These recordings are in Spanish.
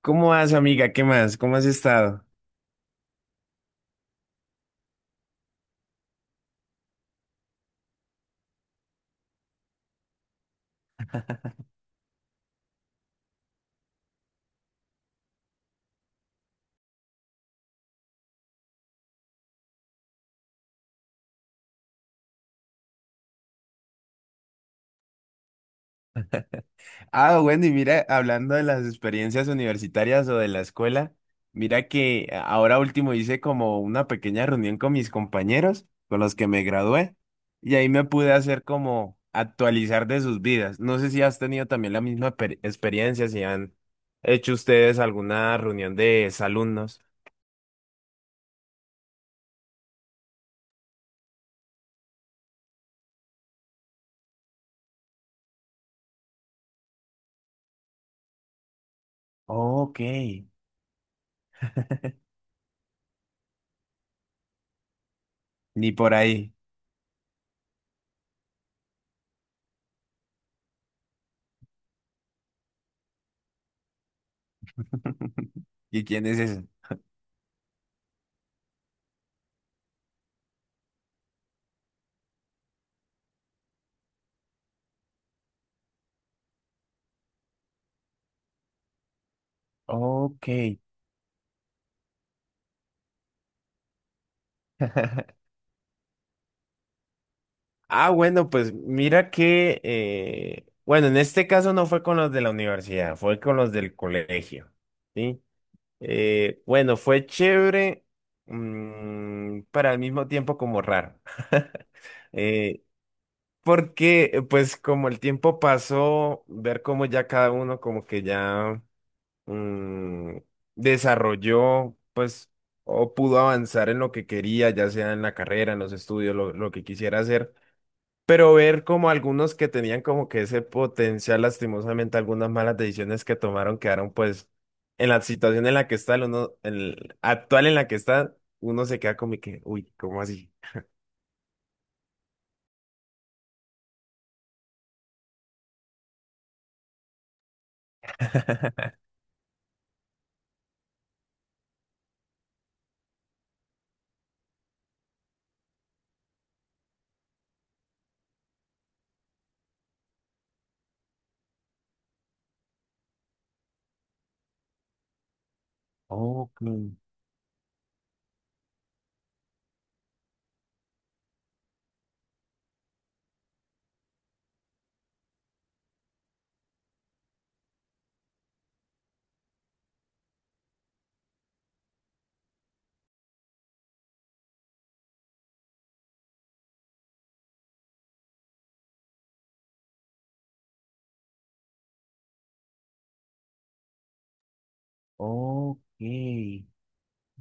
¿Cómo vas, amiga? ¿Qué más? ¿Cómo has estado? Ah, bueno, y mira, hablando de las experiencias universitarias o de la escuela, mira que ahora último hice como una pequeña reunión con mis compañeros, con los que me gradué, y ahí me pude hacer como actualizar de sus vidas. No sé si has tenido también la misma experiencia, si han hecho ustedes alguna reunión de exalumnos. Ok, ni por ahí. ¿Y quién es ese? Ok. Ah, bueno, pues mira que, bueno, en este caso no fue con los de la universidad, fue con los del colegio, ¿sí? Bueno, fue chévere, pero al mismo tiempo como raro. Eh, porque, pues como el tiempo pasó, ver cómo ya cada uno como que ya mm, desarrolló, pues, o pudo avanzar en lo que quería, ya sea en la carrera, en los estudios, lo que quisiera hacer. Pero ver como algunos que tenían como que ese potencial, lastimosamente, algunas malas decisiones que tomaron quedaron pues en la situación en la que está, el uno, el actual en la que está, uno se queda como que, uy, ¿cómo así? Ok, ok.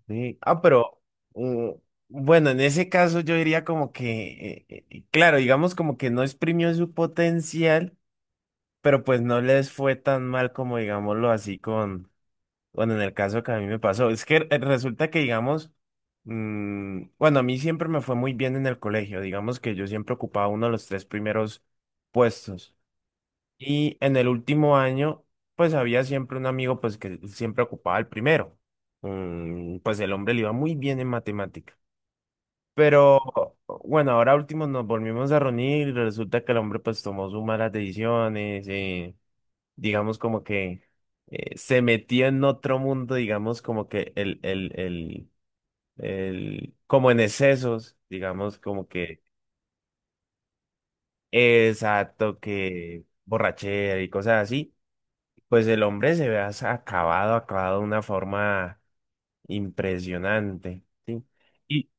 Ve, ah, pero mm, bueno, en ese caso yo diría como que, claro, digamos como que no exprimió su potencial, pero pues no les fue tan mal como digámoslo así. Bueno, en el caso que a mí me pasó, es que resulta que, digamos, bueno, a mí siempre me fue muy bien en el colegio, digamos que yo siempre ocupaba uno de los tres primeros puestos. Y en el último año, pues había siempre un amigo, pues que siempre ocupaba el primero. Pues el hombre le iba muy bien en matemática. Pero bueno, ahora último nos volvimos a reunir y resulta que el hombre pues tomó sus malas decisiones. Digamos, como que se metió en otro mundo, digamos, como que como en excesos, digamos, como que. Exacto, que borrachera y cosas así, pues el hombre se ve acabado, acabado de una forma impresionante, ¿sí? Y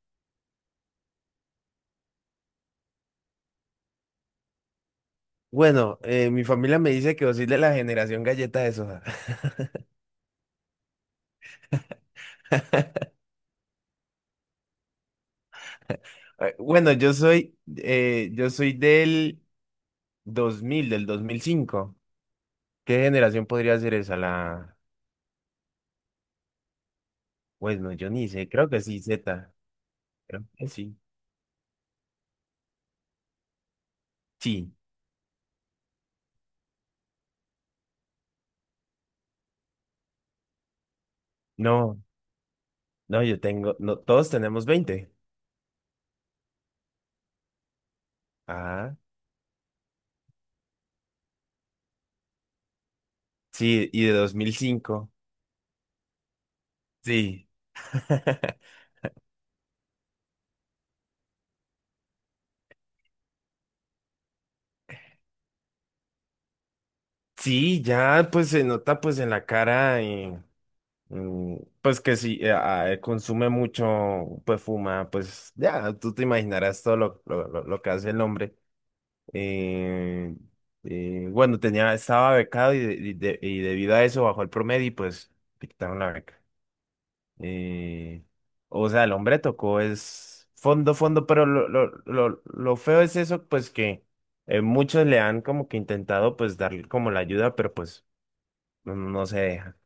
bueno, mi familia me dice que vos sois de la generación galleta de soda. Bueno, yo soy del 2005. ¿Qué generación podría ser esa? La, pues no, yo ni sé, creo que sí, Z, creo que sí. Sí, no, no, yo tengo, no, todos tenemos 20. Ah, sí, y de 2005. Sí. Sí, ya pues se nota pues en la cara y mm, pues que sí, consume mucho, pues fuma, pues ya, tú te imaginarás todo lo que hace el hombre. Eh, bueno, tenía, estaba becado y, y debido a eso bajó el promedio y pues le quitaron la beca. Eh, o sea, el hombre tocó es fondo, fondo, pero lo feo es eso, pues que muchos le han como que intentado pues darle como la ayuda, pero pues no, no se deja.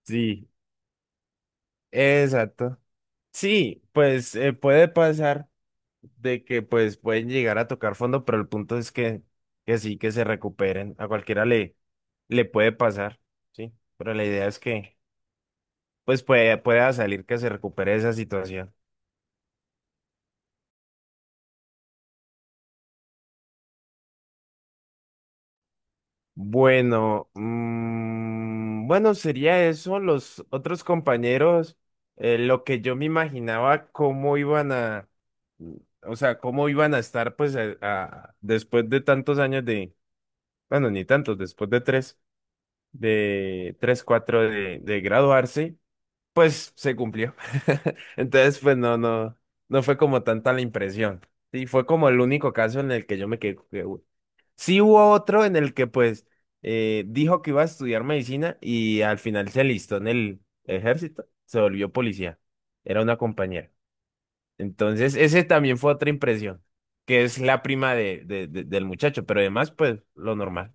Sí, exacto. Sí, pues puede pasar. De que pues pueden llegar a tocar fondo, pero el punto es que sí, que se recuperen. A cualquiera le, puede pasar, ¿sí? Pero la idea es que pues pueda salir que se recupere esa situación. Bueno, bueno, sería eso. Los otros compañeros, lo que yo me imaginaba cómo iban a, mm, o sea, cómo iban a estar pues después de tantos años de, bueno, ni tantos, después de tres. De 3 4 de, graduarse, pues se cumplió. Entonces, pues no, no, no fue como tanta la impresión. Sí, fue como el único caso en el que yo me quedé, que, "Uy". Sí hubo otro en el que pues dijo que iba a estudiar medicina y al final se alistó en el ejército, se volvió policía. Era una compañera. Entonces, ese también fue otra impresión, que es la prima de, del muchacho, pero además, pues lo normal.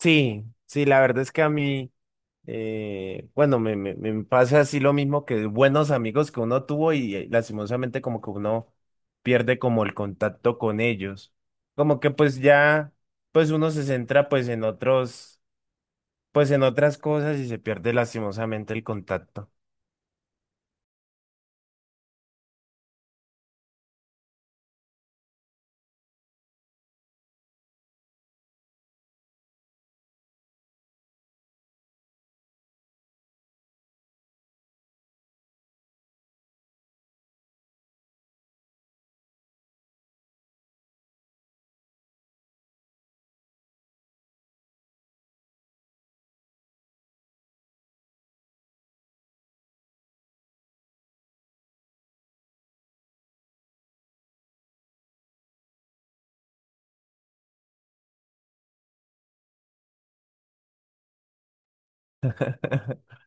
Sí, sí, la verdad es que a mí, bueno, me pasa así lo mismo que buenos amigos que uno tuvo y lastimosamente como que uno pierde como el contacto con ellos. Como que pues ya, pues uno se centra pues en otros, pues en otras cosas y se pierde lastimosamente el contacto.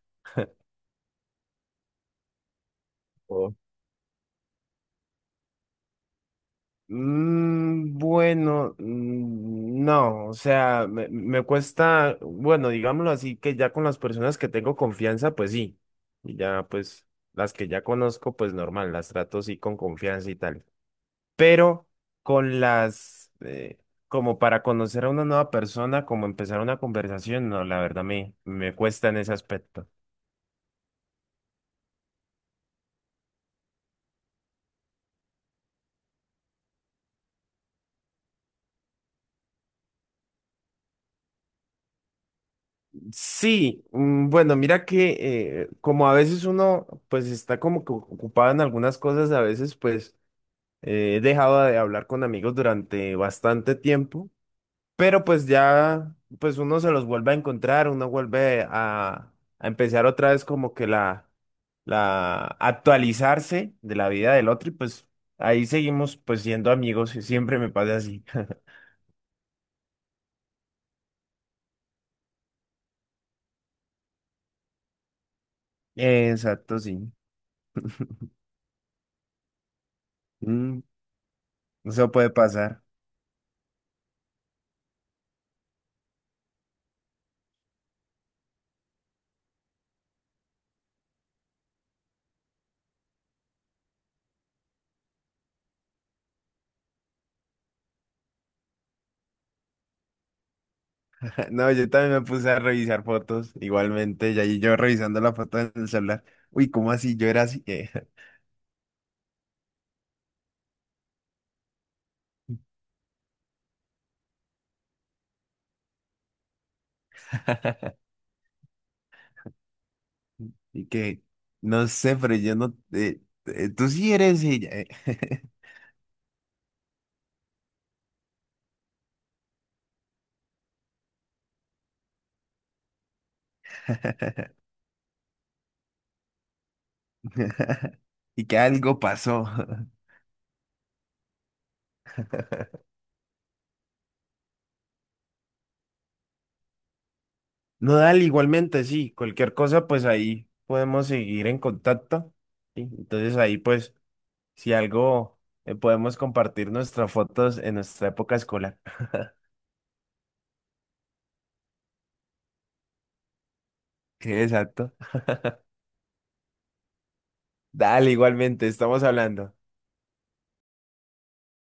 Bueno, no, o sea, me cuesta, bueno, digámoslo así, que ya con las personas que tengo confianza, pues sí, y ya pues las que ya conozco, pues normal, las trato sí con confianza y tal, pero con las, como para conocer a una nueva persona, como empezar una conversación, no, la verdad me cuesta en ese aspecto. Sí, bueno, mira que como a veces uno pues está como que ocupado en algunas cosas, a veces pues he dejado de hablar con amigos durante bastante tiempo, pero pues ya, pues uno se los vuelve a encontrar, uno vuelve a empezar otra vez como que la actualizarse de la vida del otro y pues ahí seguimos pues siendo amigos y siempre me pasa así. Exacto, sí. Mm, eso puede pasar. No, yo también me puse a revisar fotos igualmente y ahí yo revisando la foto en el celular. Uy, ¿cómo así? Yo era así. Y que, no sé, pero yo no, tú sí eres ella. Y que algo pasó. No, dale, igualmente, sí. Cualquier cosa, pues ahí podemos seguir en contacto. ¿Sí? Entonces ahí, pues, si algo, podemos compartir nuestras fotos en nuestra época escolar. Exacto. Dale, igualmente, estamos hablando.